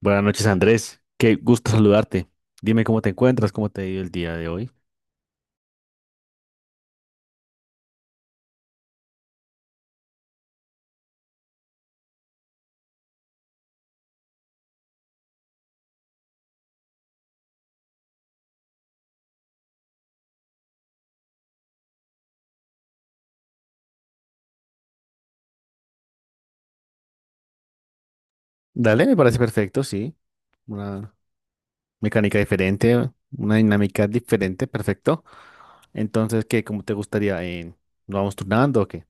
Buenas noches, Andrés. Qué gusto saludarte. Dime cómo te encuentras, cómo te ha ido el día de hoy. Dale, me parece perfecto, sí. Una mecánica diferente, una dinámica diferente, perfecto. Entonces, ¿qué? ¿Cómo te gustaría? ¿Nos vamos turnando o qué?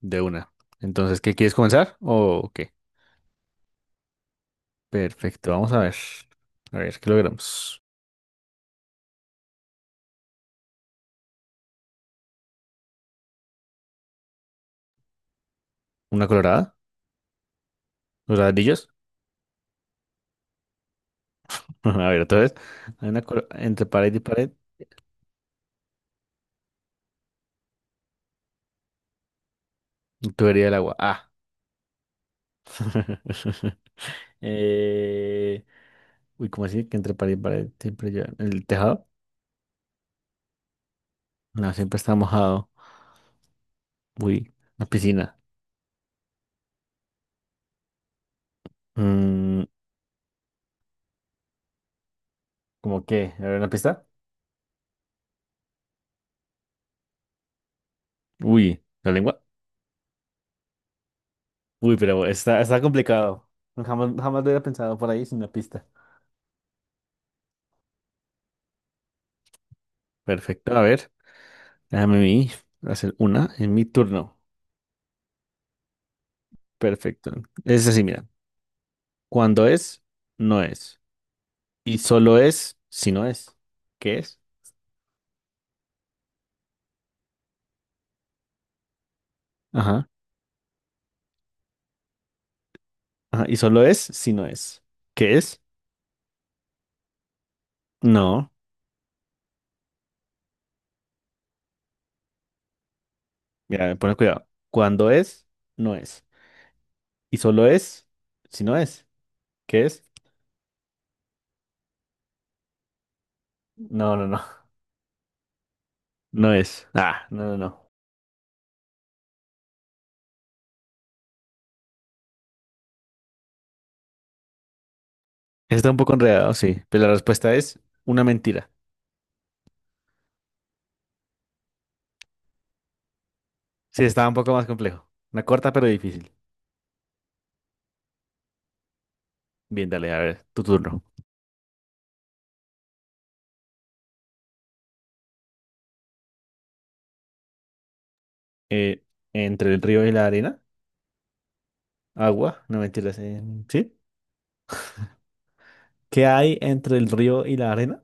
De una. Entonces, ¿qué quieres comenzar o qué? Perfecto, vamos a ver. A ver, ¿qué logramos? ¿Una colorada? ¿Los ladrillos? A ver, otra vez. Hay una entre pared y pared, tubería del agua. Ah. Eh, uy, ¿cómo así? Que entre pared y pared siempre lleva el tejado. No, siempre está mojado. Uy, la piscina. Mm, ¿cómo qué? ¿A ver una pista? Uy, la lengua. Uy, pero está complicado. Jamás, jamás lo hubiera pensado por ahí sin una pista. Perfecto, a ver. Déjame a mí hacer una en mi turno. Perfecto. Es así, mira. Cuando es, no es. Y solo es si no es. ¿Qué es? Ajá. Ajá. Y solo es si no es. ¿Qué es? No. Mira, pones cuidado. Cuando es, no es. Y solo es, si no es. ¿Qué es? No, no, no. No es. Ah, no, no, no. Está un poco enredado, sí. Pero la respuesta es una mentira. Sí, estaba un poco más complejo. Una corta pero difícil. Bien, dale, a ver, tu turno. Eh, entre el río y la arena. Agua. No mentiras. ¿Sí? ¿Qué hay entre el río y la arena?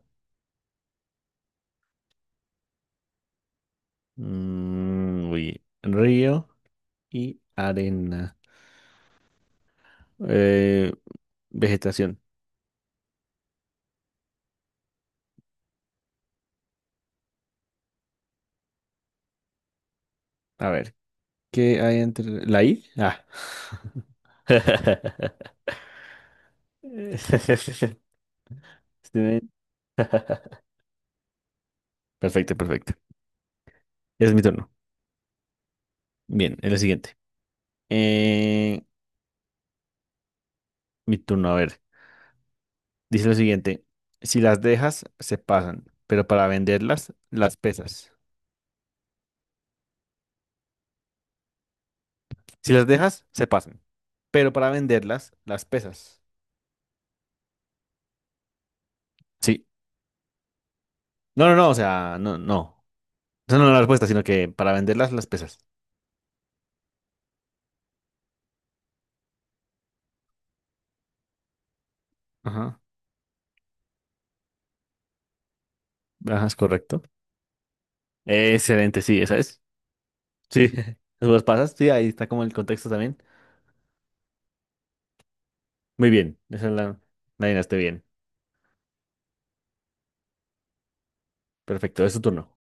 Mm, uy, río y arena. Eh, vegetación. A ver. ¿Qué hay entre la I? Ah. Este- Perfecto, perfecto. Es mi turno. Bien, es lo siguiente. Eh, mi turno, a ver. Dice lo siguiente. Si las dejas, se pasan, pero para venderlas, las pesas. Si las dejas, se pasan, pero para venderlas, las pesas. Sí. No, no, no, o sea, no, no. Esa no es la respuesta, sino que para venderlas, las pesas. Ajá. Ajá, es correcto. Excelente, sí, esa es. Sí, los pasas, sí, ahí está como el contexto también. Muy bien, esa la adivinaste bien. Perfecto, es su turno.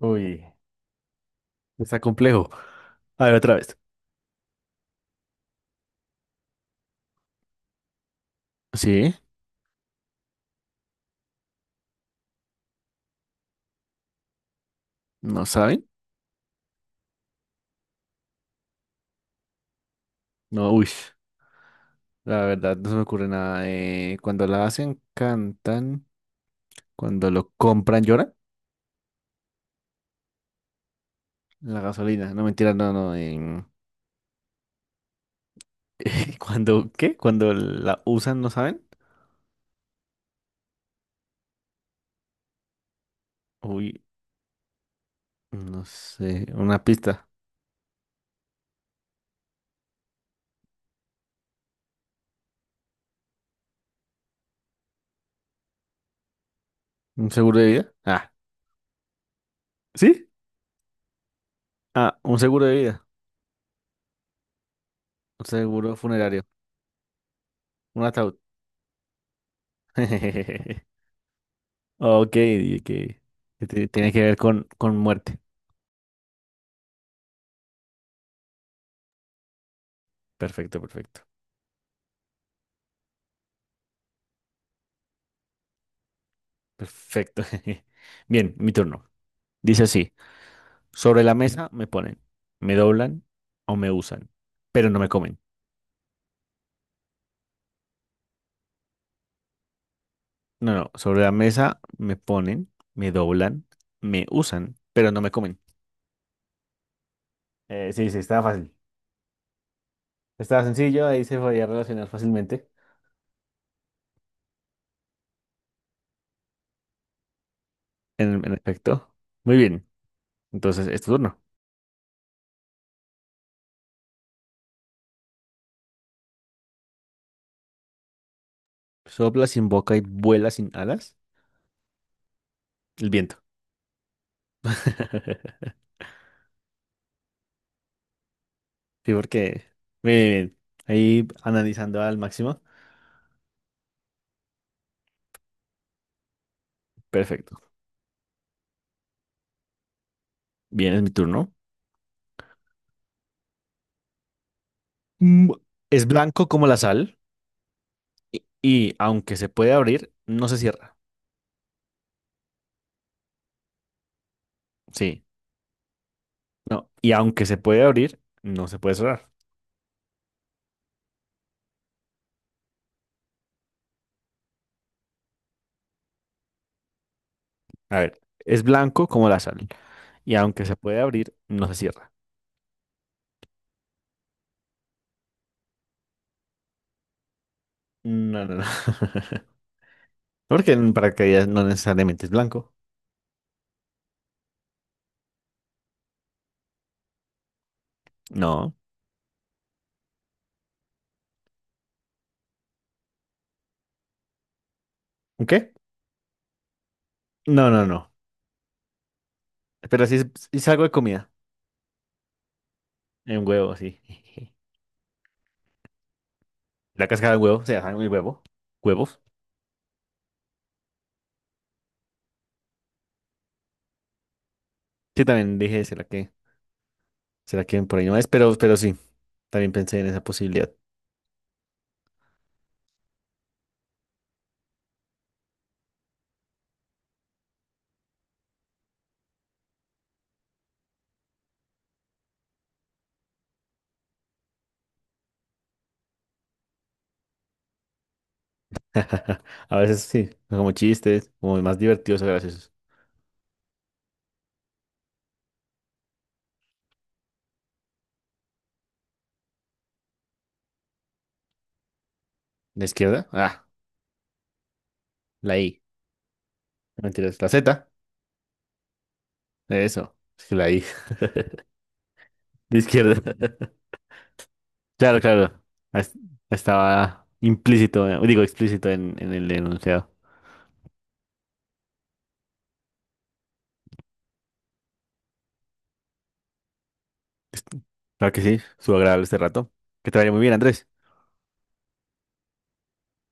Uy, está complejo. A ver, otra vez. Sí, no saben. No, uy, la verdad no se me ocurre nada. Cuando la hacen, cantan. Cuando lo compran, lloran. La gasolina, no mentira, no, no. Cuando, ¿qué? Cuando la usan, no saben. Uy, no sé, una pista. ¿Un seguro de vida? Ah, ¿sí? Ah, un seguro de vida. Un seguro funerario. Un ataúd. Ok, que tiene que ver con muerte. Perfecto, perfecto. Perfecto. Bien, mi turno. Dice así, sobre la mesa me ponen, me doblan o me usan, pero no me comen. No, no, sobre la mesa me ponen, me doblan, me usan, pero no me comen. Sí, sí, estaba fácil. Estaba sencillo, ahí se podía relacionar fácilmente. En efecto. Muy bien. Entonces, es tu turno. Sopla sin boca y vuela sin alas. El viento. Sí, porque bien, bien, ahí analizando al máximo. Perfecto. Bien, es mi turno. Mm, es blanco como la sal y aunque se puede abrir, no se cierra. Sí, no. Y aunque se puede abrir, no se puede cerrar. A ver, es blanco como la sal y aunque se puede abrir, no se cierra. No, no, no. Porque en paracaídas no necesariamente es blanco. No. ¿Un qué? No, no, no. Pero sí es algo de comida. Un huevo, sí. La cáscara de huevo, se llama el huevo. Huevos. Sí, también dije, será que por ahí no es? Pero sí, también pensé en esa posibilidad. A veces sí, como chistes, como más divertidos o graciosos. ¿De izquierda? Ah, la I. No, mentiras, la Z. Eso, es que la I. De izquierda. Claro, claro. Es- Estaba implícito, digo explícito en el enunciado. Est- Claro que sí, estuvo agradable este rato. Que te vaya muy bien, Andrés.